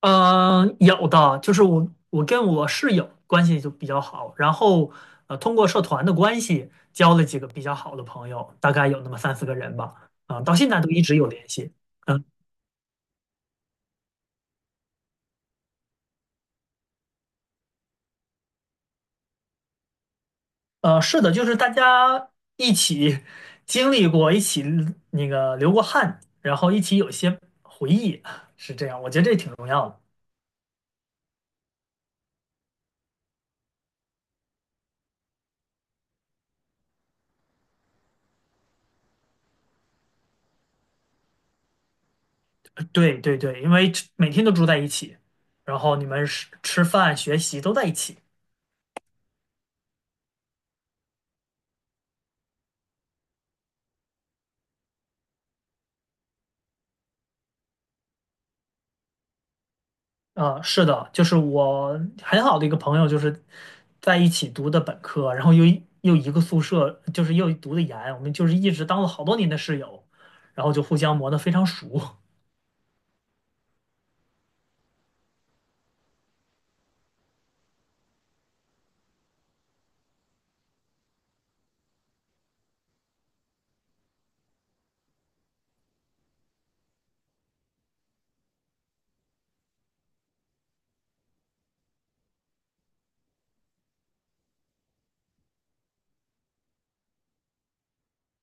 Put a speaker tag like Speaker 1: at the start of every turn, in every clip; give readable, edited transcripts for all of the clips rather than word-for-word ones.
Speaker 1: 嗯，有的，就是我跟我室友关系就比较好，然后通过社团的关系交了几个比较好的朋友，大概有那么三四个人吧，啊、到现在都一直有联系。嗯，是的，就是大家一起经历过，一起那个流过汗，然后一起有一些回忆，是这样，我觉得这挺重要的。对对对，因为每天都住在一起，然后你们吃吃饭、学习都在一起。啊，是的，就是我很好的一个朋友，就是在一起读的本科，然后又一个宿舍，就是又读的研，我们就是一直当了好多年的室友，然后就互相磨得非常熟。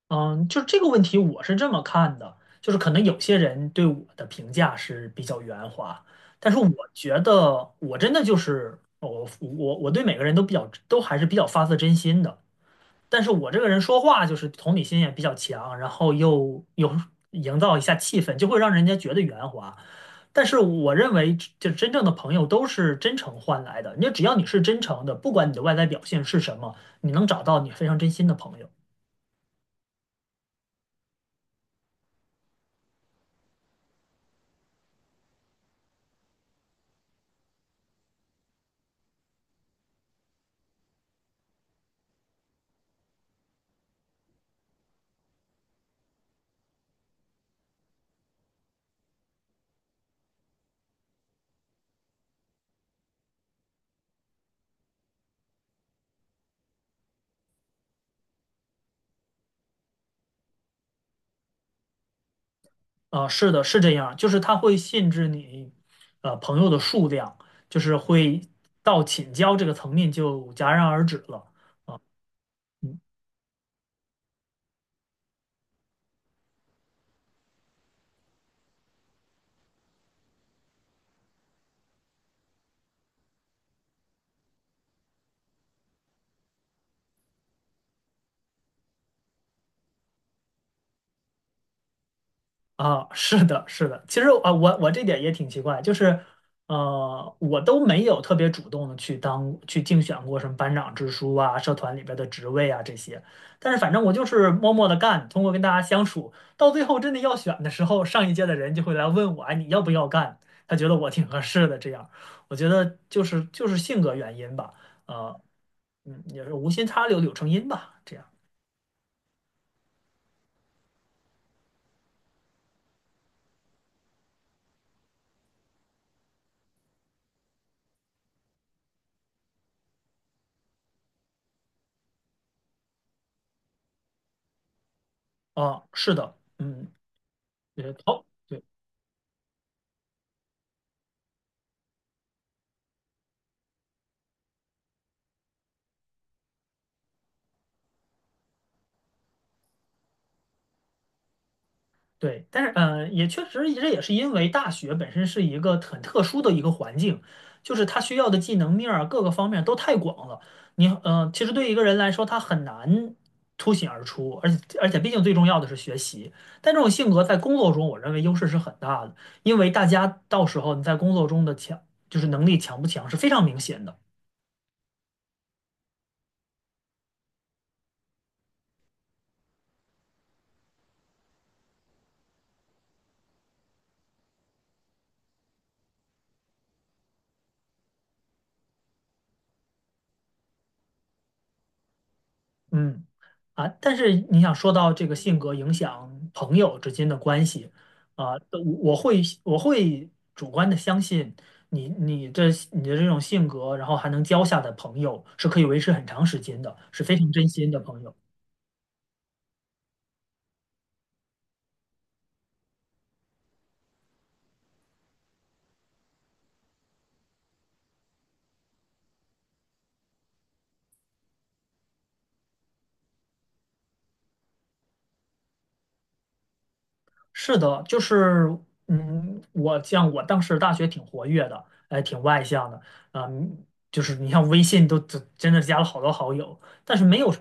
Speaker 1: 嗯，就这个问题，我是这么看的，就是可能有些人对我的评价是比较圆滑，但是我觉得我真的就是我对每个人都比较都还是比较发自真心的。但是我这个人说话就是同理心也比较强，然后又有营造一下气氛，就会让人家觉得圆滑。但是我认为，就真正的朋友都是真诚换来的。你只要你是真诚的，不管你的外在表现是什么，你能找到你非常真心的朋友。啊、是的，是这样，就是他会限制你，朋友的数量，就是会到请教这个层面就戛然而止了。嗯。啊，是的，是的。其实啊，我这点也挺奇怪，就是我都没有特别主动的去竞选过什么班长之书啊、社团里边的职位啊这些，但是反正我就是默默的干，通过跟大家相处，到最后真的要选的时候，上一届的人就会来问我，哎，你要不要干？他觉得我挺合适的，这样，我觉得就是性格原因吧，呃，也是无心插柳柳成荫吧，这样。啊，是的，嗯，也好。对对，但是也确实，这也是因为大学本身是一个很特殊的一个环境，就是它需要的技能面儿啊各个方面都太广了。其实对一个人来说，他很难凸显而出，而且，毕竟最重要的是学习。但这种性格在工作中，我认为优势是很大的，因为大家到时候你在工作中的强，就是能力强不强是非常明显的。嗯。啊，但是你想说到这个性格影响朋友之间的关系，啊，我会主观的相信你你的这种性格，然后还能交下的朋友是可以维持很长时间的，是非常真心的朋友。是的，就是，我像我当时大学挺活跃的，哎，挺外向的，嗯，就是你像微信都真真的加了好多好友，但是没有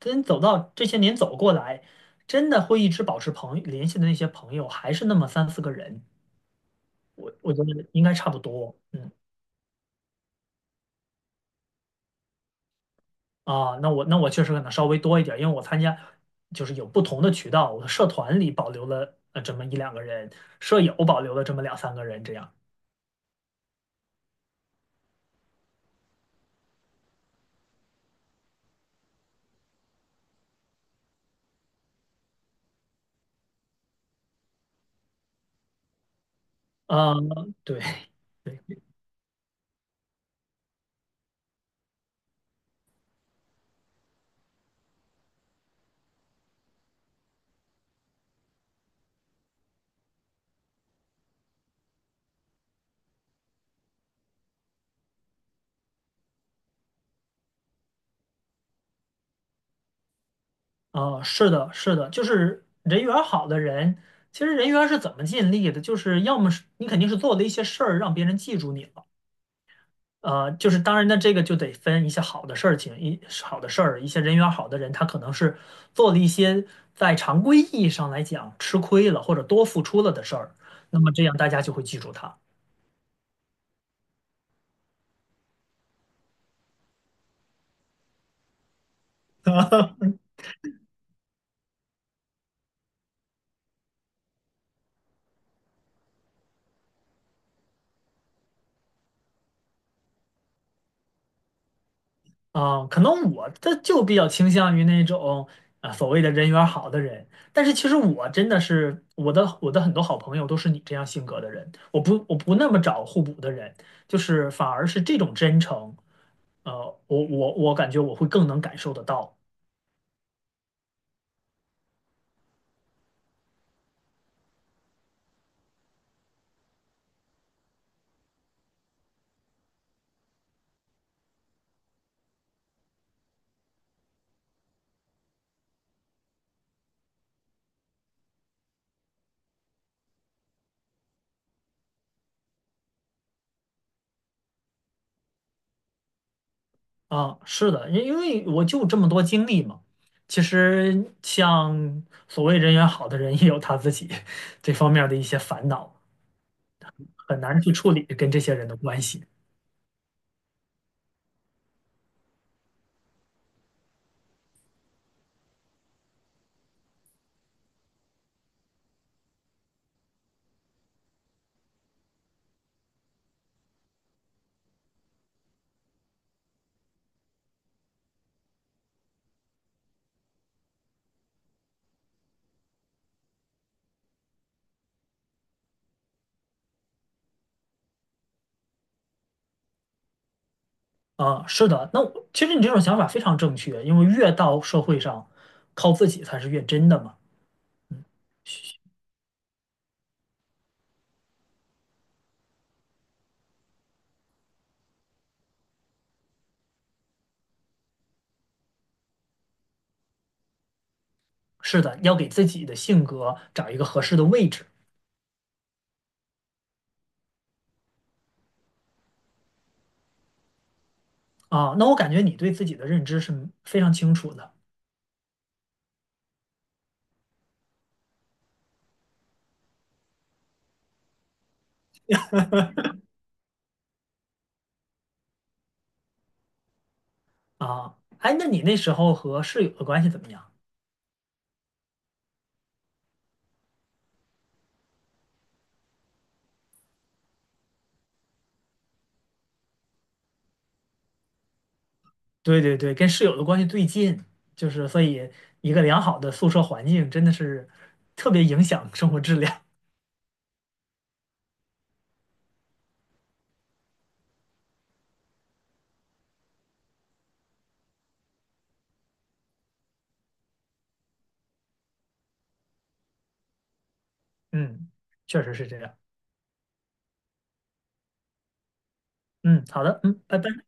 Speaker 1: 真走到这些年走过来，真的会一直保持联系的那些朋友，还是那么三四个人，我觉得应该差不多，嗯，啊，那我确实可能稍微多一点，因为我参加就是有不同的渠道，我的社团里保留了这么一两个人，舍友保留了这么两三个人这样，嗯，对对。啊，是的，是的，就是人缘儿好的人，其实人缘儿是怎么建立的？就是要么是你肯定是做了一些事儿让别人记住你了，就是当然呢，这个就得分一些好的事情，一好的事儿，一些人缘儿好的人，他可能是做了一些在常规意义上来讲吃亏了或者多付出了的事儿，那么这样大家就会记住他。啊，可能我这就比较倾向于那种啊所谓的人缘儿好的人，但是其实我真的是我的很多好朋友都是你这样性格的人，我不那么找互补的人，就是反而是这种真诚，呃，我感觉我会更能感受得到啊，是的，因为我就这么多经历嘛，其实像所谓人缘好的人也有他自己 这方面儿的一些烦恼，很难去处理跟这些人的关系。啊，是的，那我其实你这种想法非常正确，因为越到社会上，靠自己才是越真的嘛。嗯，是的，要给自己的性格找一个合适的位置啊。那我感觉你对自己的认知是非常清楚的啊。哎，那你那时候和室友的关系怎么样？对对对，跟室友的关系最近，就是所以一个良好的宿舍环境真的是特别影响生活质量。嗯，确实是这样。嗯，好的，嗯，拜拜。